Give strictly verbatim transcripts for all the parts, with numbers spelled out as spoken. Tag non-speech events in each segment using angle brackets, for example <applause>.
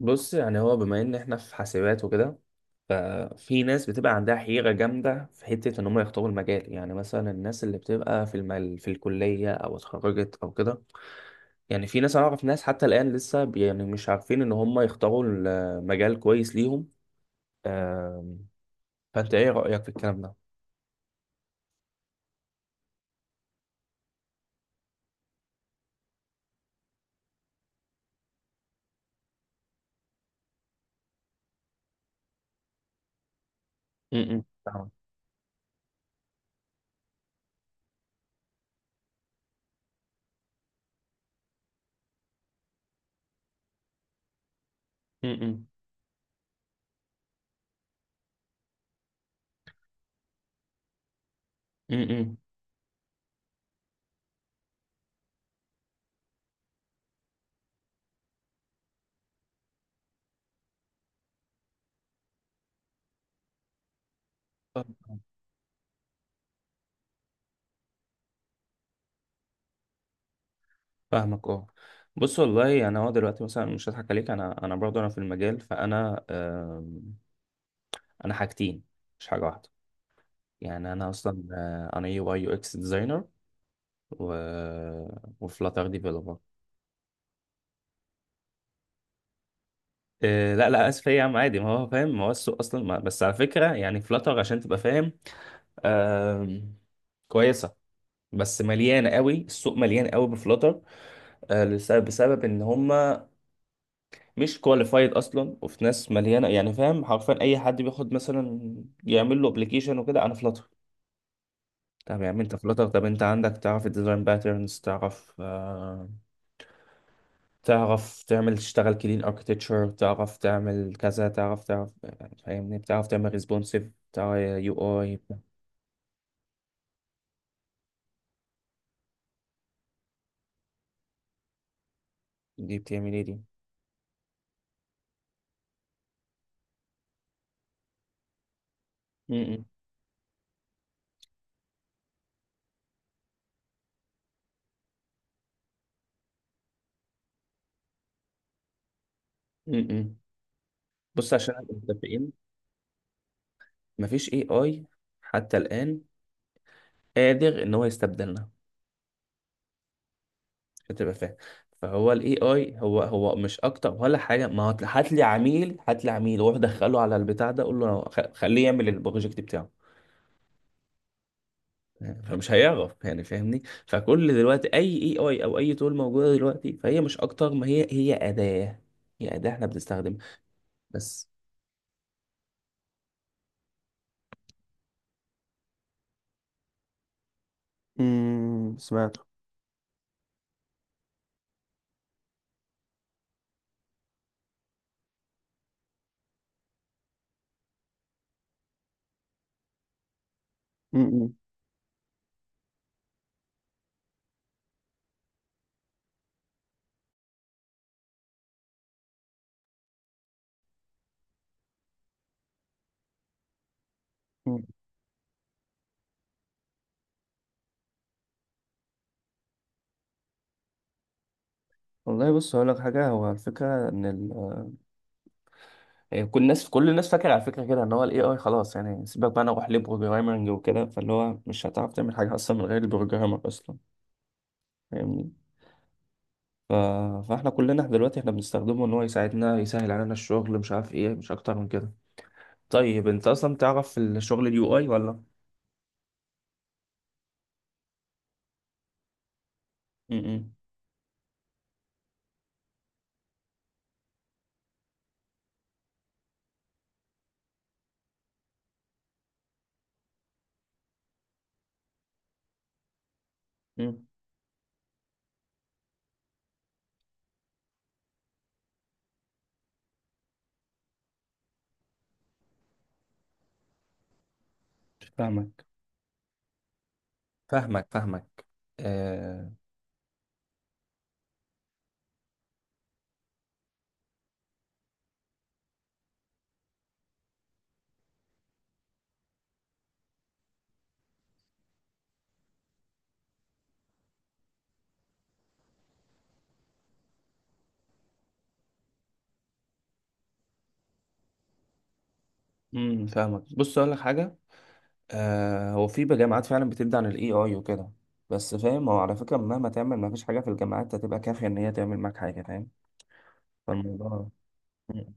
بص، يعني هو بما ان احنا في حاسبات وكده. ففي ناس بتبقى عندها حيرة جامدة في حتة ان هم يختاروا المجال. يعني مثلا الناس اللي بتبقى في المل في الكلية او اتخرجت او كده. يعني في ناس اعرف ناس حتى الان لسه بي- يعني مش عارفين ان هم يختاروا المجال كويس ليهم. آم، فانت ايه رأيك في الكلام ده؟ م- م. فاهمك. م- م- فاهمك فاهمك، اه. بص، والله يعني هو دلوقتي مثلا مش هضحك عليك. انا انا برضه انا في المجال، فانا انا حاجتين، مش حاجه واحده. يعني انا اصلا آه، انا يو اي يو اكس ديزاينر. و وفلاتر ديفلوبر. إيه لا لا، اسف إيه يا عم عادي، ما هو فاهم. ما هو السوق اصلا، ما بس على فكره، يعني فلاتر عشان تبقى فاهم آم، كويسه. بس مليانه قوي، السوق مليان قوي بفلاتر. آه لسبب بسبب ان هم مش كواليفايد اصلا. وفي ناس مليانه، يعني فاهم، حرفيا اي حد بياخد مثلا يعمل له ابلكيشن وكده انا فلاتر. طب يا عم انت فلاتر، طب انت عندك، تعرف الديزاين باترنز، تعرف آه، تعرف تعمل، تشتغل كلين اركتكتشر، تعرف تعمل كذا، تعرف تعرف يعني فاهمني، بتعرف تعمل ريسبونسيف بتاع يو اي. دي بتعمل ايه دي؟ م-م. م-م. بص عشان نبقى متفقين، مفيش اي اي حتى الان قادر ان هو يستبدلنا، عشان تبقى فاهم. فهو الاي اي هو هو مش اكتر ولا حاجه. ما هو هات لي عميل، هات لي عميل واروح ادخله على البتاع ده اقول له خ- خليه يعمل البروجكت بتاعه، فمش هيعرف. يعني فاهمني. فكل دلوقتي اي اي، اي او اي تول موجوده دلوقتي، فهي مش اكتر، ما هي هي اداه. هي اداه احنا بنستخدمها بس. امم، سمعت. والله بص هقول لك حاجه. هو الفكره ان ال، يعني كل الناس، كل الناس فاكره على فكره كده ان هو الاي اي خلاص، يعني سيبك بقى انا اروح لبروجرامنج وكده. فاللي هو مش هتعرف تعمل حاجه اصلا من غير البروجرامر اصلا. فاهمني. ف... فاحنا كلنا دلوقتي احنا بنستخدمه ان هو يساعدنا، يسهل علينا الشغل، مش عارف ايه، مش اكتر من كده. طيب انت اصلا تعرف في الشغل اليو اي ولا؟ امم. امم، فاهمك فاهمك فاهمك. آه. امم، فاهمك. بص اقول لك حاجه. آه، هو في جامعات فعلا بتبدأ عن الاي اي وكده. بس فاهم، هو على فكرة مهما تعمل ما فيش حاجة في الجامعات هتبقى كافية ان هي تعمل معاك حاجة، فاهم. فالموضوع. مم.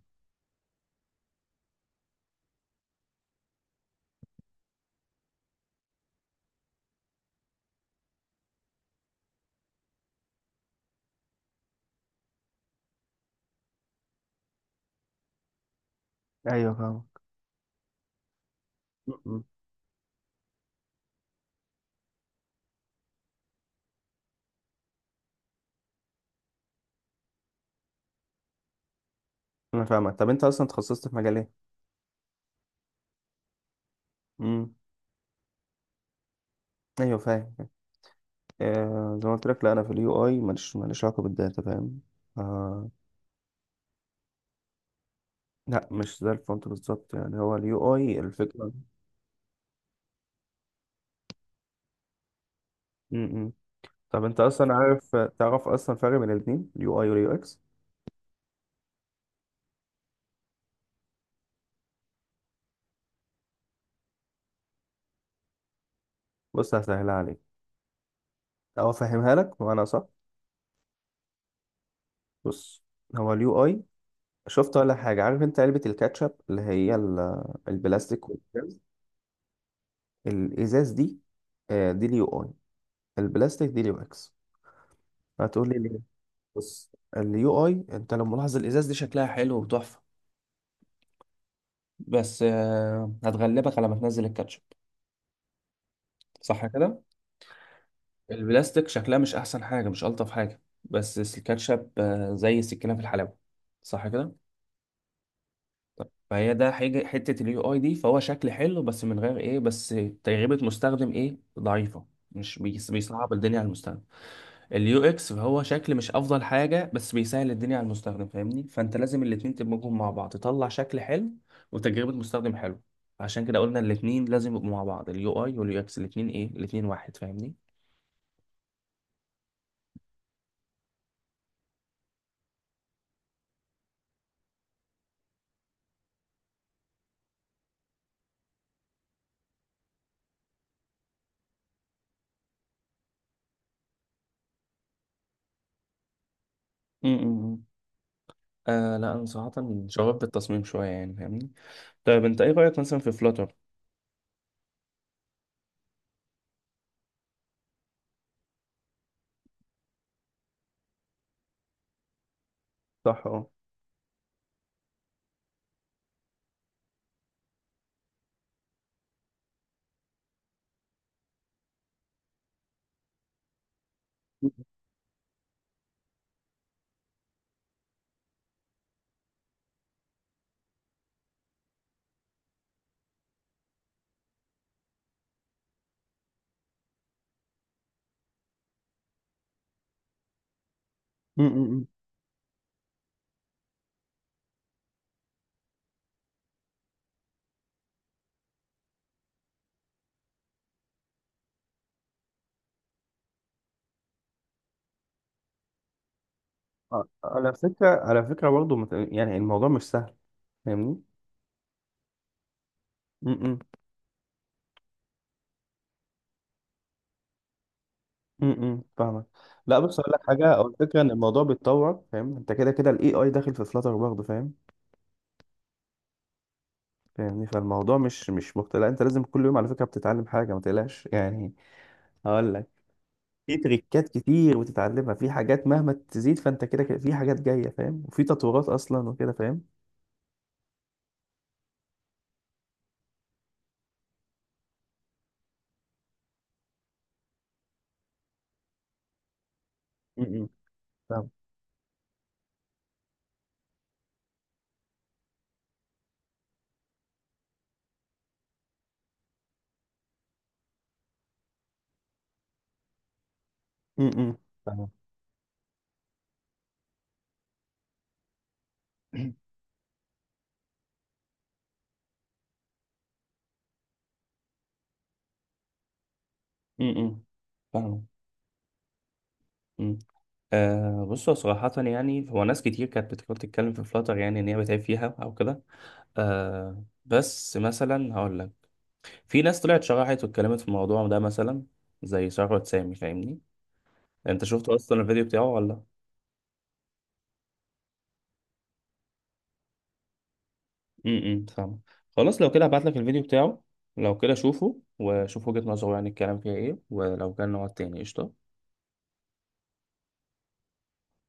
ايوه، فاهمك. م-م. انا فاهمك. طب انت اصلا تخصصت في مجال ايه؟ امم. ايوه، فاهم. آه، زي ما قلت لك، لا انا في اليو اي ماليش ماليش علاقة بالداتا، فاهم. آه، لا مش زي الفونت بالظبط، يعني هو اليو اي الفكرة. م -م. طب انت اصلا عارف، تعرف اصلا فرق بين الاتنين اليو اي واليو اكس؟ بص هسهلها عليك، او افهمها لك وانا صح. بص، هو اليو اي، شفت ولا حاجة؟ عارف انت علبة الكاتشب اللي هي ال- البلاستيك والازاز؟ الازاز دي، آه، دي اليو اي. البلاستيك دي اليو اكس. هتقول لي ليه. بص، اليو اي انت لو ملاحظ الازاز دي شكلها حلو وتحفة، بس آه، هتغلبك على ما تنزل الكاتشب، صح كده؟ البلاستيك شكلها مش احسن حاجه، مش الطف حاجه، بس الكاتشب آه، زي السكينه في الحلاوه، صح كده؟ فهي ده حاجه، حته اليو اي دي فهو شكل حلو بس من غير ايه، بس تجربه مستخدم ايه ضعيفه. مش بيس- بيصعب الدنيا على المستخدم. اليو اكس فهو شكل مش افضل حاجه بس بيسهل الدنيا على المستخدم، فاهمني. فانت لازم الاتنين تدمجهم مع بعض، تطلع شكل حلو وتجربه مستخدم حلو. عشان كده قلنا الاتنين لازم يبقوا مع بعض، اليو اي واليو اكس الاتنين، ايه، الاتنين واحد. فاهمني. آه لا، انا صراحه شغوف بالتصميم شويه، يعني فاهمني. طيب انت ايه رايك مثلا في فلاتر؟ صح، اه. م- م- م- م. آه، على فكرة، على فكرة برضه مت- يعني الموضوع مش سهل، فاهمني. م- م. م- م. فاهمك. لا، بص اقول لك حاجة، او الفكرة ان الموضوع بيتطور، فاهم. انت كده كده الاي اي داخل في فلاتر برضه، فاهم. فاهمني، فالموضوع مش مش مختلف. لا، انت لازم كل يوم على فكرة بتتعلم حاجة، ما تقلقش يعني. هقول لك، في تريكات كتير بتتعلمها، في حاجات مهما تزيد فانت كده كده في حاجات جاية، فاهم. وفي تطورات اصلا وكده، فاهم. م- م. فاهم. م- م. فاهم <clears throat> م- م. فاهم. م. <clears throat> آه بصوا صراحة، يعني هو ناس كتير كانت بتحاول تتكلم في فلاتر، يعني إن هي بتعب فيها أو كده. آه، بس مثلا هقول لك، في ناس طلعت شرحت واتكلمت في الموضوع ده مثلا، زي ثروت سامي، فاهمني. أنت شفت أصلا الفيديو بتاعه ولا؟ امم، فاهم. خلاص، لو كده هبعت لك الفيديو بتاعه. لو كده شوفه وشوف وجهة نظره، يعني الكلام فيها إيه، ولو كان نقعد تاني، قشطة.